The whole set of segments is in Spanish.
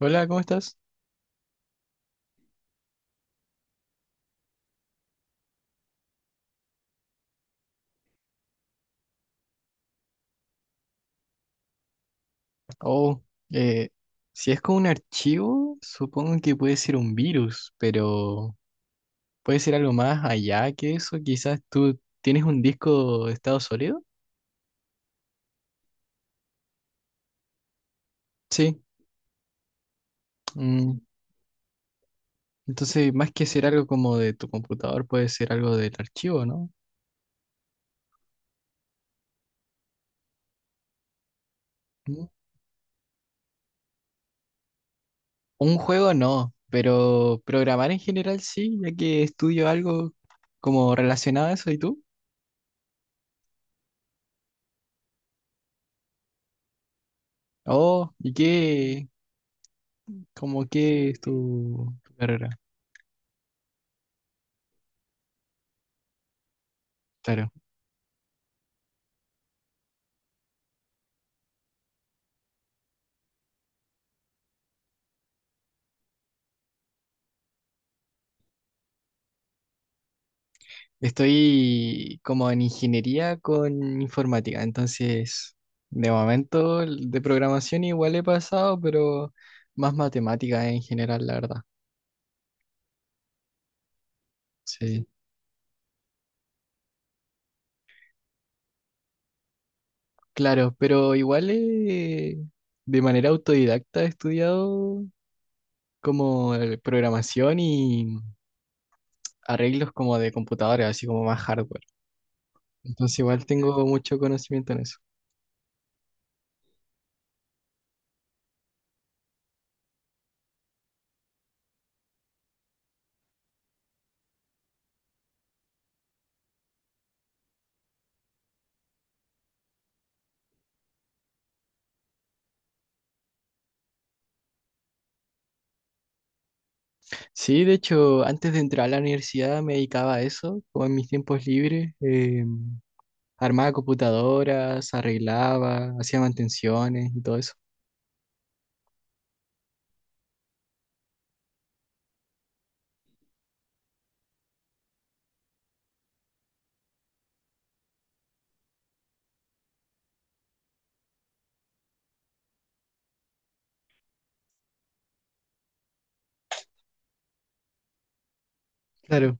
Hola, ¿cómo estás? Oh, eh, si es con un archivo, supongo que puede ser un virus, pero puede ser algo más allá que eso. Quizás tú tienes un disco de estado sólido. Sí. mm, Entonces, más que ser algo como de tu computador, puede ser algo del archivo, ¿no? Mm. Un juego no, pero programar en general sí, ya que estudio algo como relacionado a eso. ¿Y tú? Oh, ¿y qué? ¿Cómo qué es tu carrera? Claro. Estoy como en ingeniería con informática, entonces de momento el de programación igual he pasado, pero más matemática en general, la verdad. Sí. Claro, pero igual de manera autodidacta he estudiado como programación y arreglos como de computadoras, así como más hardware. Entonces igual tengo mucho conocimiento en eso. Sí, de hecho, antes de entrar a la universidad me dedicaba a eso, como en mis tiempos libres. Armaba computadoras, arreglaba, hacía mantenciones y todo eso. Claro.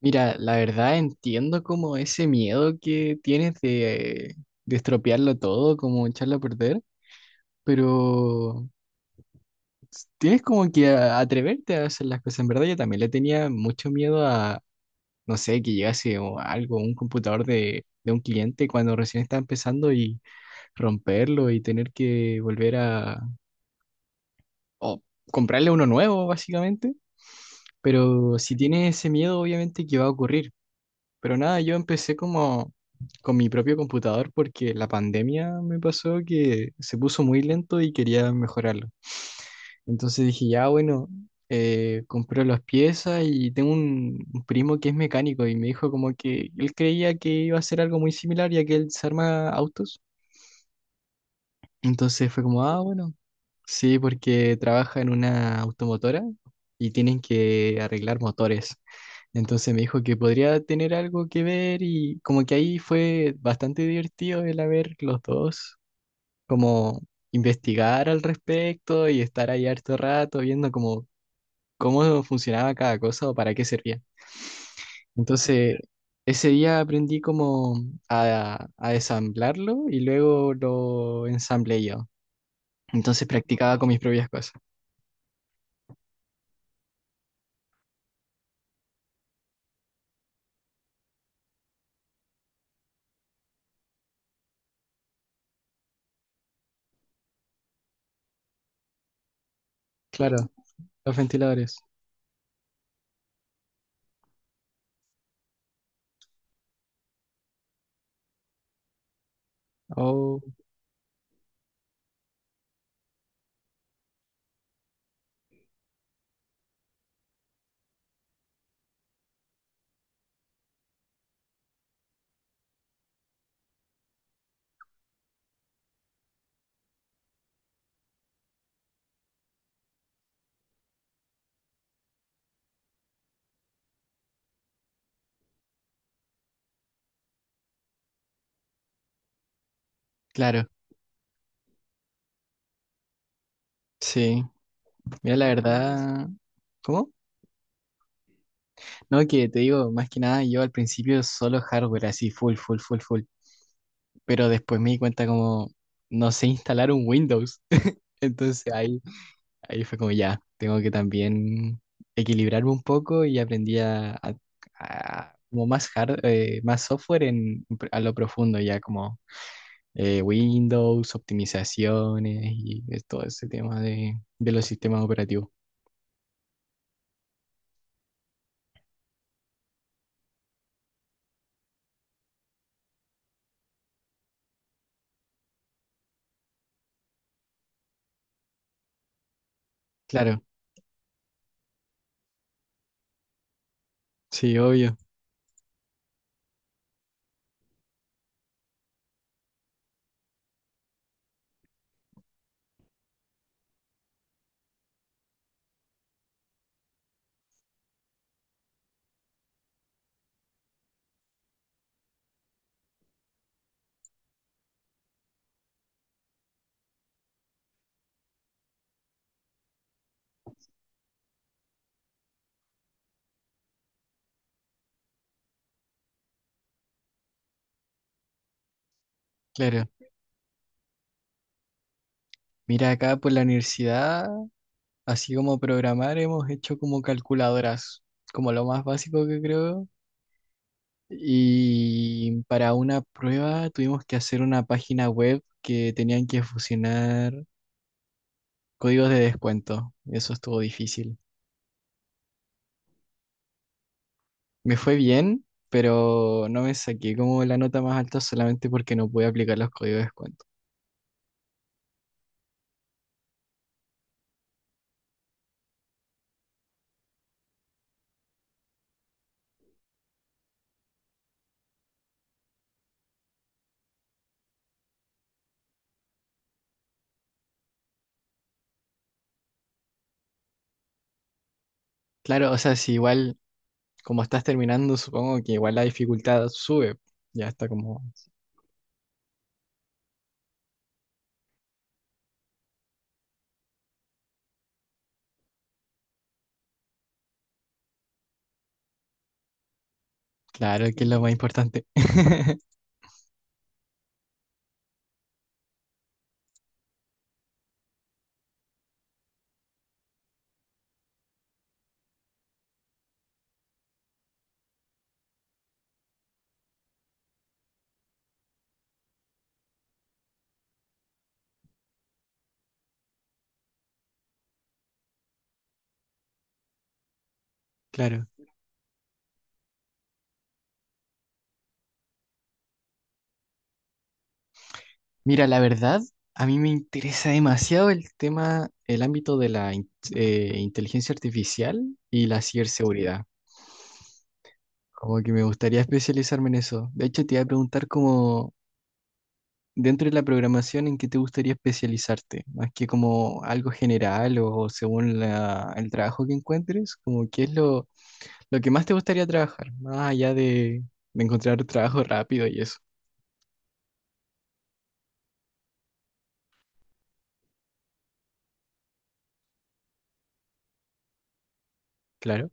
Mira, la verdad entiendo como ese miedo que tienes de estropearlo todo, como echarlo a perder, pero tienes como que atreverte a hacer las cosas. En verdad yo también le tenía mucho miedo a, no sé, que llegase o algo, un computador de un cliente cuando recién está empezando y romperlo y tener que volver a o comprarle uno nuevo, básicamente. Pero si tienes ese miedo, obviamente que va a ocurrir. Pero nada, yo empecé como con mi propio computador porque la pandemia me pasó que se puso muy lento y quería mejorarlo. Entonces dije, ya bueno, compré las piezas y tengo un primo que es mecánico y me dijo como que él creía que iba a ser algo muy similar ya que él se arma autos. Entonces fue como, ah, bueno, sí, porque trabaja en una automotora y tienen que arreglar motores. Entonces me dijo que podría tener algo que ver y como que ahí fue bastante divertido el haber los dos, como investigar al respecto y estar ahí harto rato viendo como cómo funcionaba cada cosa o para qué servía. Entonces ese día aprendí como a ensamblarlo y luego lo ensamblé yo. Entonces practicaba con mis propias cosas. Claro, los ventiladores. Oh, claro, sí. Mira, la verdad. ¿Cómo? No, que te digo, más que nada, yo al principio solo hardware, así, full, full, full, full. Pero después me di cuenta como, no sé instalar un Windows. Entonces ahí, ahí fue como ya, tengo que también equilibrarme un poco y aprendí como más hard, más software a lo profundo, ya como Windows, optimizaciones y es todo ese tema de los sistemas operativos. Claro, sí, obvio, claro. Mira, acá por la universidad, así como programar, hemos hecho como calculadoras, como lo más básico que creo. Y para una prueba tuvimos que hacer una página web que tenían que fusionar códigos de descuento. Eso estuvo difícil. Me fue bien, pero no me saqué como la nota más alta solamente porque no pude aplicar los códigos de descuento. Claro, o sea, si igual como estás terminando, supongo que igual la dificultad sube. Ya está como, claro, que es lo más importante. Claro. Mira, la verdad, a mí me interesa demasiado el tema, el ámbito de inteligencia artificial y la ciberseguridad. Como que me gustaría especializarme en eso. De hecho, te iba a preguntar como, dentro de la programación, ¿en qué te gustaría especializarte? Más que como algo general o según el trabajo que encuentres, como qué es lo que más te gustaría trabajar, más allá de encontrar trabajo rápido y eso, claro.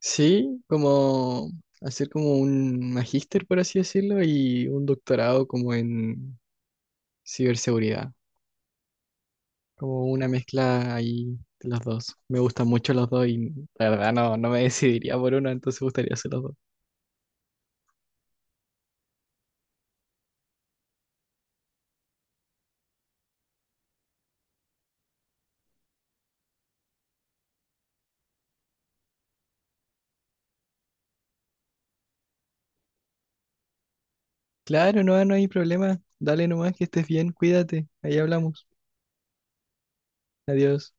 Sí, como hacer como un magíster, por así decirlo, y un doctorado como en ciberseguridad, como una mezcla ahí de los dos. Me gustan mucho los dos y la verdad no, no me decidiría por uno, entonces me gustaría hacer los dos. Claro, no, no hay problema. Dale nomás que estés bien, cuídate. Ahí hablamos. Adiós.